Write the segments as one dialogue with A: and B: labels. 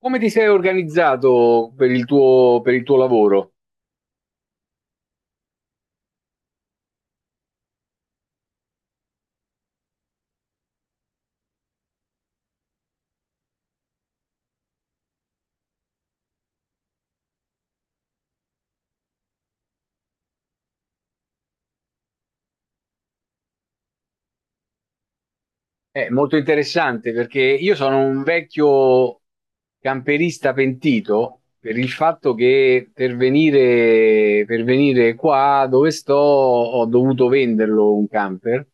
A: Come ti sei organizzato per il tuo lavoro? È molto interessante perché io sono un vecchio camperista pentito per il fatto che per venire qua dove sto ho dovuto venderlo un camper,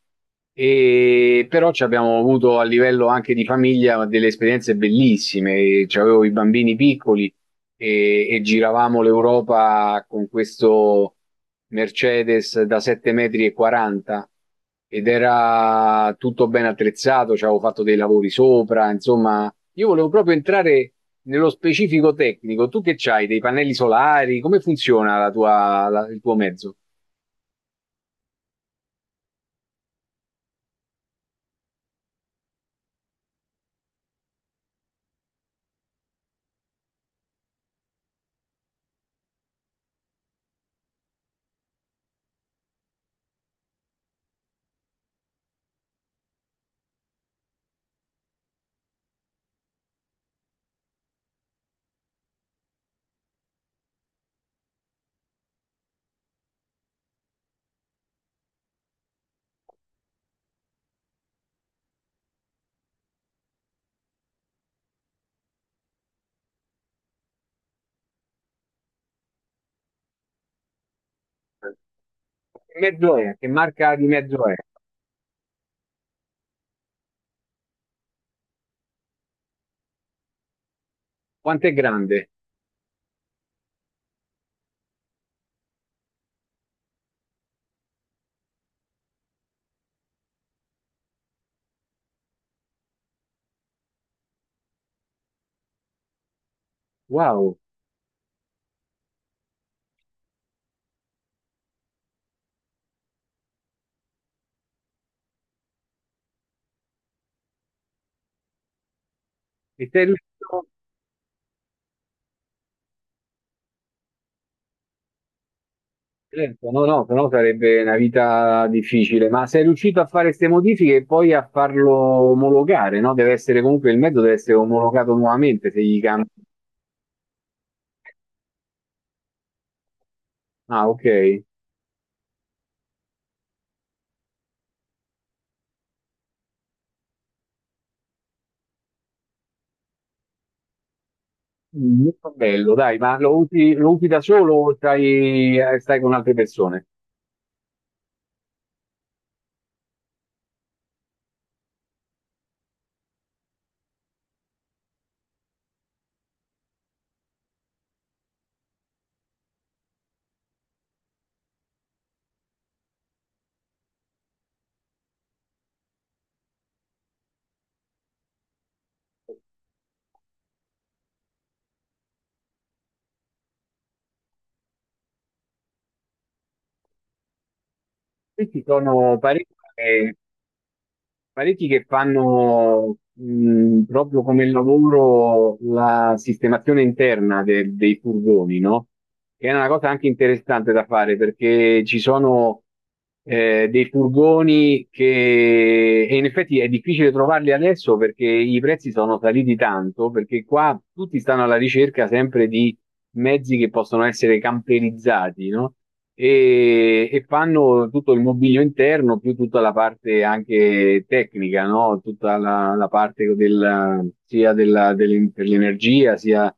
A: e, però ci abbiamo avuto a livello anche di famiglia delle esperienze bellissime. C'avevo i bambini piccoli e giravamo l'Europa con questo Mercedes da 7,40 metri e 40, ed era tutto ben attrezzato, ci avevo fatto dei lavori sopra, insomma, io volevo proprio entrare nello specifico tecnico. Tu che c'hai, dei pannelli solari? Come funziona la tua- la- il tuo mezzo? Che mezzo è? Che marca di mezzo è? Quanto è grande? Wow! E sei riuscito, certo, no, no, però sarebbe una vita difficile. Ma sei riuscito a fare queste modifiche e poi a farlo omologare, no? Deve essere comunque il mezzo deve essere omologato nuovamente se gli cambi. Ah, ok. Molto bello, dai, ma lo usi da solo o stai, stai con altre persone? Qui ci sono parecchie. Parecchi che fanno proprio come lavoro la sistemazione interna de- dei furgoni, no? Che è una cosa anche interessante da fare perché ci sono dei furgoni che e in effetti è difficile trovarli adesso perché i prezzi sono saliti tanto, perché qua tutti stanno alla ricerca sempre di mezzi che possono essere camperizzati, no? E, e fanno tutto il mobilio interno più tutta la parte anche tecnica, no? Tutta la, la parte del, sia della, del- per l'energia sia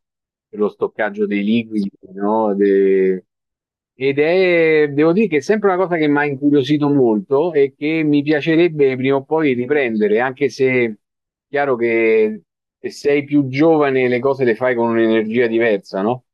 A: per lo stoccaggio dei liquidi, no? De- ed è, devo dire che è sempre una cosa che mi ha incuriosito molto e che mi piacerebbe prima o poi riprendere, anche se chiaro che se sei più giovane le cose le fai con un'energia diversa, no?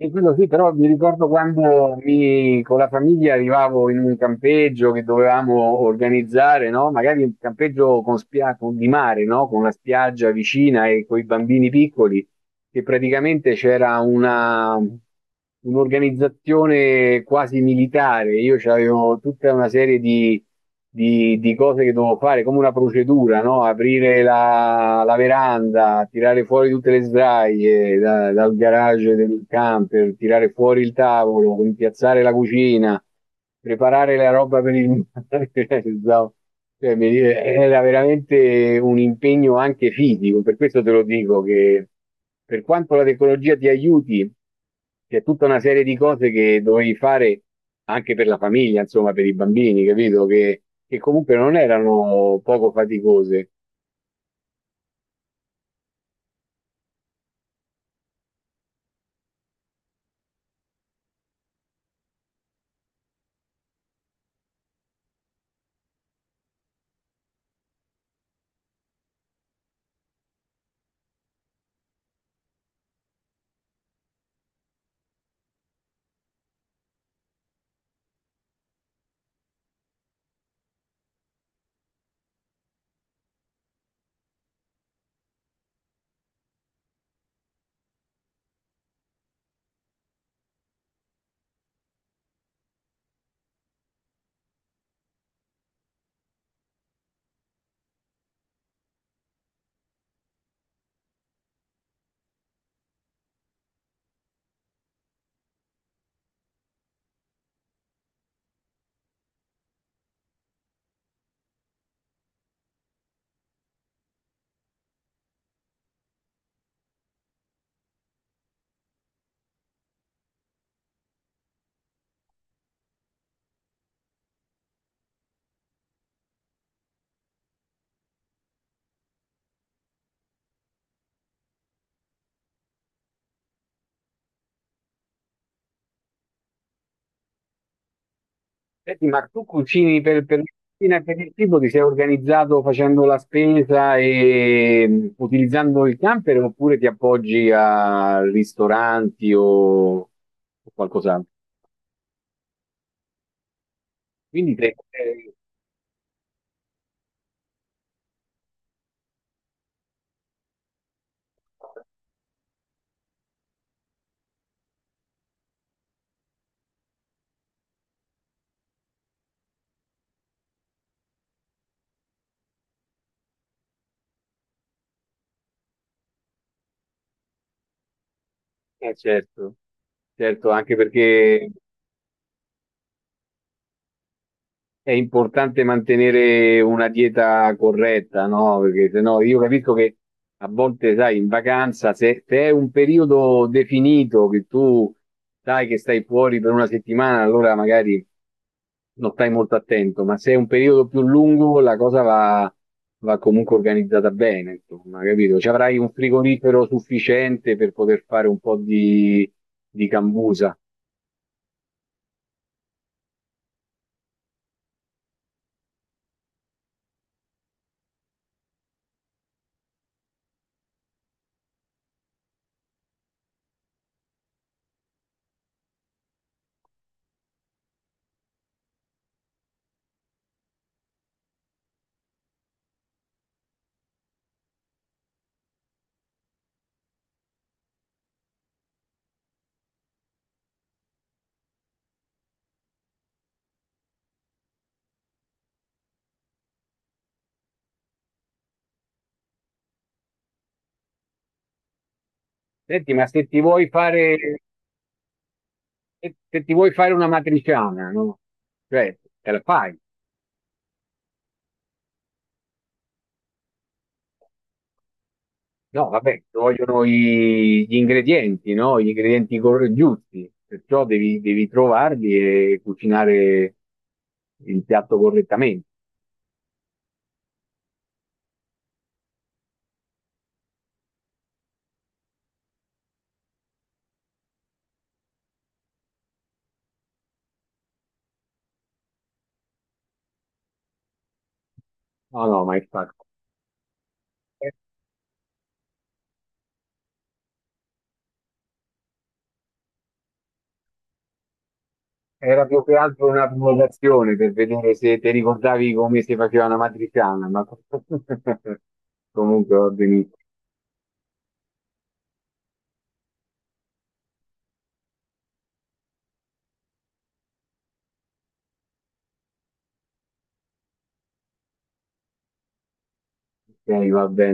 A: E quello sì, però mi ricordo quando mi, con la famiglia arrivavo in un campeggio che dovevamo organizzare, no? Magari un campeggio con spia- con- di mare, no? Con la spiaggia vicina e con i bambini piccoli che praticamente c'era una, un'organizzazione quasi militare, io avevo tutta una serie di cose che dovevo fare, come una procedura, no? Aprire la, la veranda, tirare fuori tutte le sdraie da- dal garage del camper, tirare fuori il tavolo, impiazzare la cucina, preparare la roba per il mare. Pensavo- Cioè, mi- era veramente un impegno anche fisico, per questo te lo dico che per quanto la tecnologia ti aiuti, c'è tutta una serie di cose che dovevi fare anche per la famiglia, insomma, per i bambini, capito? Che comunque non erano poco faticose. Senti, ma tu cucini per la cucina e per il cibo, ti sei organizzato facendo la spesa e mm, utilizzando il camper oppure ti appoggi a ristoranti o qualcos'altro? Quindi te, certo, certo, anche perché è importante mantenere una dieta corretta, no? Perché se no io capisco che a volte, sai, in vacanza, se, se è un periodo definito che tu sai che stai fuori per 1 settimana, allora magari non stai molto attento, ma se è un periodo più lungo, la cosa va, va comunque organizzata bene, insomma, capito? Ci avrai un frigorifero sufficiente per poter fare un po' di cambusa. Senti, ma se ti vuoi fare se, se ti vuoi fare una matriciana, no? Cioè, te la fai. No, vabbè, ci vogliono i- gli ingredienti, no? Gli ingredienti cor- giusti, perciò devi, devi trovarli e cucinare il piatto correttamente. No, no, ma infatti eh, era più che altro una provocazione per vedere se ti ricordavi come si faceva una matriciana, ma comunque va benissimo. Ok, va bene.